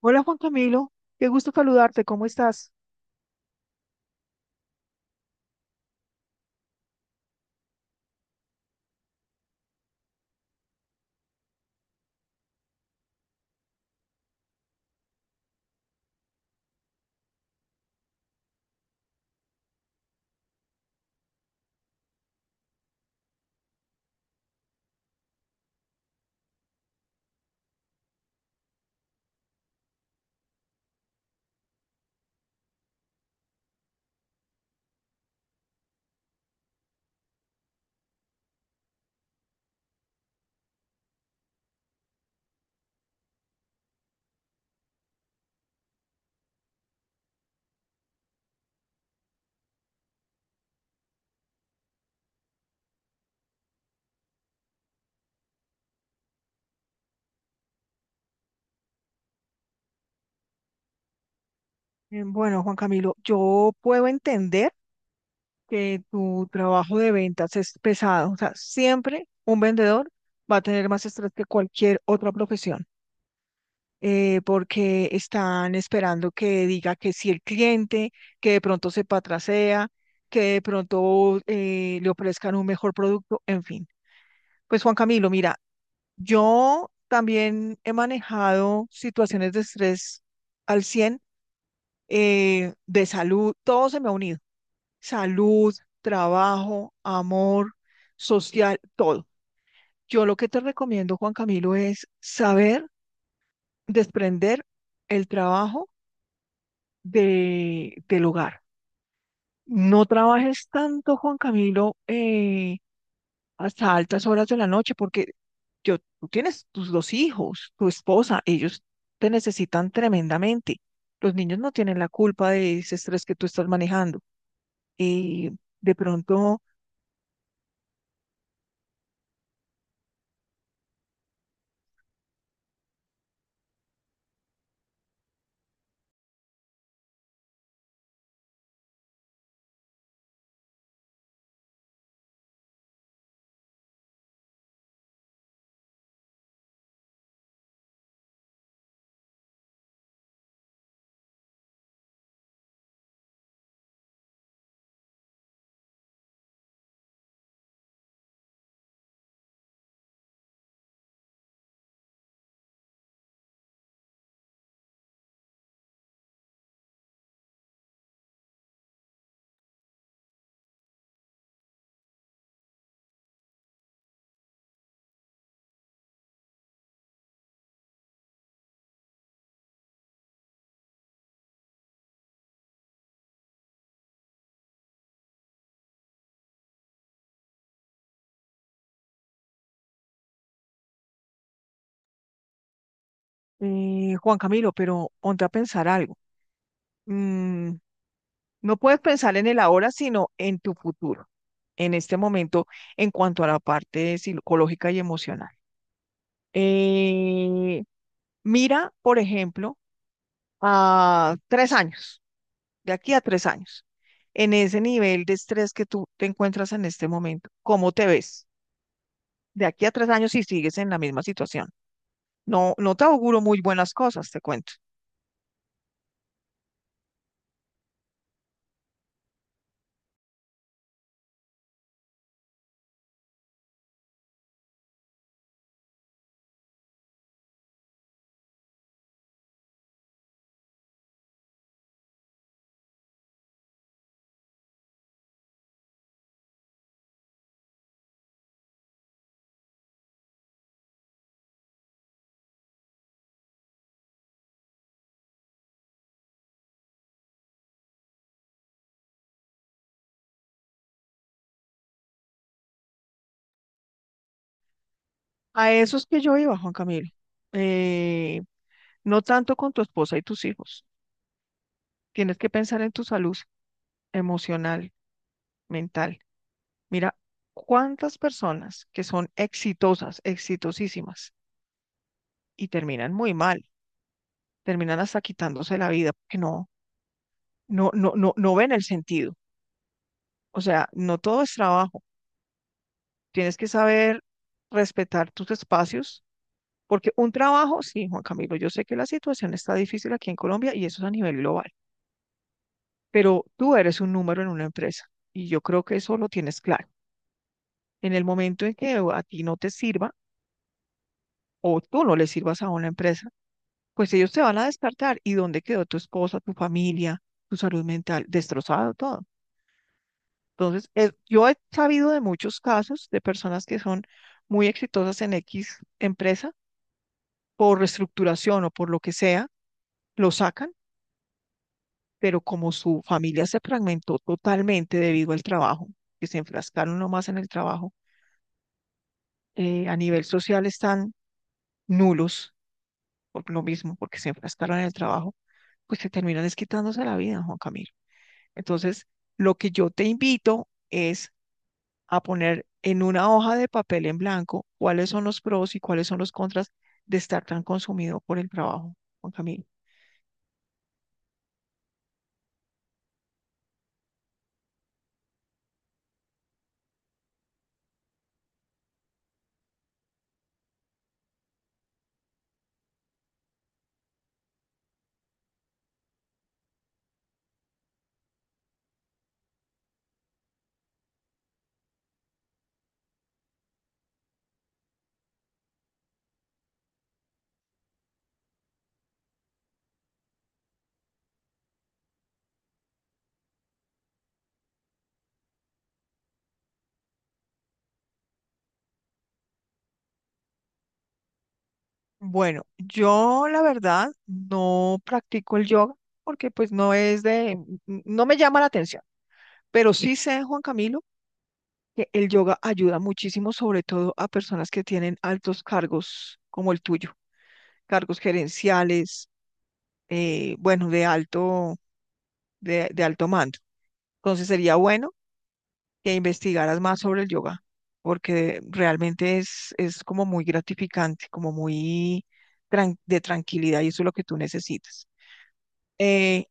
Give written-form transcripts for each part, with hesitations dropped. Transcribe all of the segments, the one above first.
Hola Juan Camilo, qué gusto saludarte, ¿cómo estás? Bueno, Juan Camilo, yo puedo entender que tu trabajo de ventas es pesado, o sea, siempre un vendedor va a tener más estrés que cualquier otra profesión, porque están esperando que diga que si el cliente, que de pronto se patrasea, que de pronto le ofrezcan un mejor producto, en fin. Pues Juan Camilo, mira, yo también he manejado situaciones de estrés al 100. De salud, todo se me ha unido. Salud, trabajo, amor, social, todo. Yo lo que te recomiendo, Juan Camilo, es saber desprender el trabajo del hogar. No trabajes tanto, Juan Camilo, hasta altas horas de la noche, porque yo, tú tienes tus dos hijos, tu esposa, ellos te necesitan tremendamente. Los niños no tienen la culpa de ese estrés que tú estás manejando. eh, de pronto, Juan Camilo, pero ponte a pensar algo. Mm, no puedes pensar en el ahora, sino en tu futuro, en este momento, en cuanto a la parte psicológica y emocional. Eh, Mira, por ejemplo, a 3 años, de aquí a 3 años, en ese nivel de estrés que tú te encuentras en este momento, ¿cómo te ves? De aquí a tres años si sigues en la misma situación. No, no te auguro muy buenas cosas, te cuento. A eso es que yo iba, Juan Camilo. Eh, no tanto con tu esposa y tus hijos. Tienes que pensar en tu salud emocional, mental. Mira, cuántas personas que son exitosas, exitosísimas, y terminan muy mal, terminan hasta quitándose la vida porque no. No, no, no, no ven el sentido. O sea, no todo es trabajo. Tienes que saber respetar tus espacios, porque un trabajo, sí, Juan Camilo, yo sé que la situación está difícil aquí en Colombia y eso es a nivel global, pero tú eres un número en una empresa y yo creo que eso lo tienes claro. En el momento en que a ti no te sirva o tú no le sirvas a una empresa, pues ellos te van a descartar. ¿Y dónde quedó tu esposa, tu familia, tu salud mental? Destrozado todo. Entonces, yo he sabido de muchos casos de personas que son muy exitosas en X empresa por reestructuración o por lo que sea, lo sacan, pero como su familia se fragmentó totalmente debido al trabajo, que se enfrascaron nomás en el trabajo, a nivel social están nulos por lo mismo, porque se enfrascaron en el trabajo, pues se terminan es quitándose la vida, Juan Camilo. Entonces, lo que yo te invito es a poner en una hoja de papel en blanco cuáles son los pros y cuáles son los contras de estar tan consumido por el trabajo, Juan Camilo. Bueno, yo la verdad no practico el yoga porque pues no es de, no me llama la atención, pero sí sé, Juan Camilo, que el yoga ayuda muchísimo, sobre todo a personas que tienen altos cargos como el tuyo, cargos gerenciales, bueno, de alto, de alto mando. Entonces sería bueno que investigaras más sobre el yoga, porque realmente es como muy gratificante, como muy de tranquilidad y eso es lo que tú necesitas. Eh,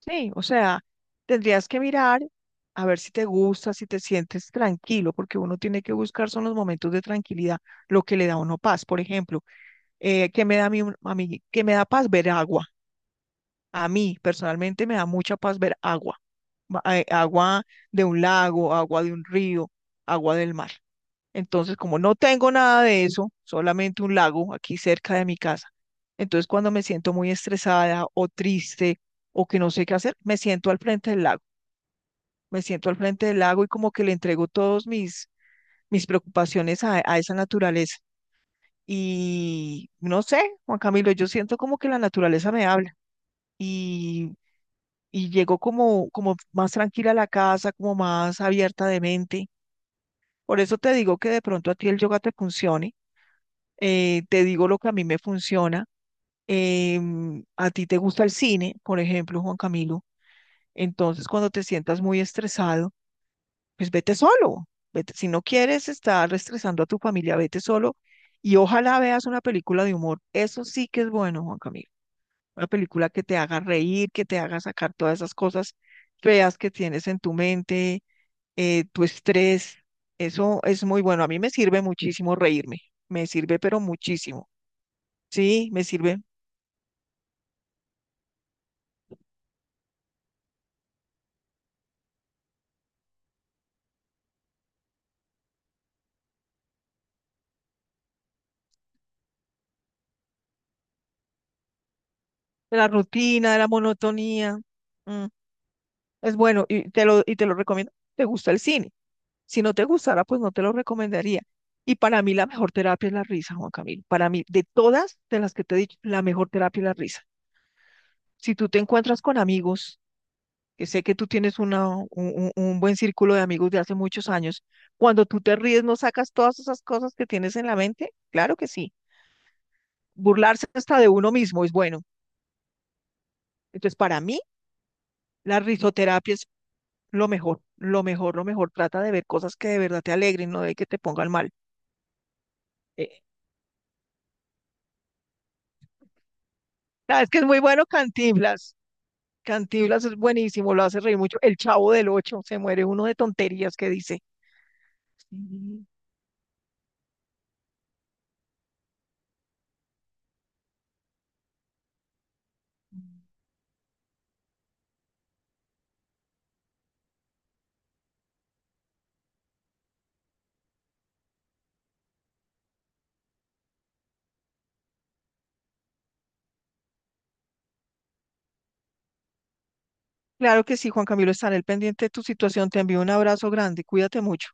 sí, o sea, tendrías que mirar a ver si te gusta, si te sientes tranquilo, porque uno tiene que buscar son los momentos de tranquilidad, lo que le da a uno paz. Por ejemplo, ¿qué me da a mí, qué me da paz? Ver agua. A mí personalmente me da mucha paz ver agua, agua de un lago, agua de un río, agua del mar. Entonces, como no tengo nada de eso, solamente un lago aquí cerca de mi casa, entonces cuando me siento muy estresada o triste o que no sé qué hacer, me siento al frente del lago, me siento al frente del lago y como que le entrego todos mis preocupaciones a esa naturaleza. Y no sé, Juan Camilo, yo siento como que la naturaleza me habla y, y llego como más tranquila a la casa, como más abierta de mente. Por eso te digo que de pronto a ti el yoga te funcione, te digo lo que a mí me funciona. A ti te gusta el cine, por ejemplo, Juan Camilo. Entonces, cuando te sientas muy estresado, pues vete solo. Vete. Si no quieres estar estresando a tu familia, vete solo y ojalá veas una película de humor. Eso sí que es bueno, Juan Camilo. Una película que te haga reír, que te haga sacar todas esas cosas feas que tienes en tu mente, tu estrés. Eso es muy bueno. A mí me sirve muchísimo reírme. Me sirve, pero muchísimo. Sí, me sirve. De la rutina, de la monotonía. mm, Es bueno y te lo recomiendo. ¿Te gusta el cine? Si no te gustara, pues no te lo recomendaría. Y para mí la mejor terapia es la risa, Juan Camilo. Para mí, de todas de las que te he dicho, la mejor terapia es la risa. Si tú te encuentras con amigos, que sé que tú tienes un buen círculo de amigos de hace muchos años, cuando tú te ríes, ¿no sacas todas esas cosas que tienes en la mente? Claro que sí. Burlarse hasta de uno mismo es bueno. Entonces, para mí, la risoterapia es lo mejor, lo mejor, lo mejor. Trata de ver cosas que de verdad te alegren, no de que te pongan mal. Eh, sabes que es muy bueno Cantinflas. Cantinflas es buenísimo, lo hace reír mucho. El Chavo del Ocho, se muere uno de tonterías que dice. Sí. Claro que sí, Juan Camilo, estaré al pendiente de tu situación. Te envío un abrazo grande. Cuídate mucho.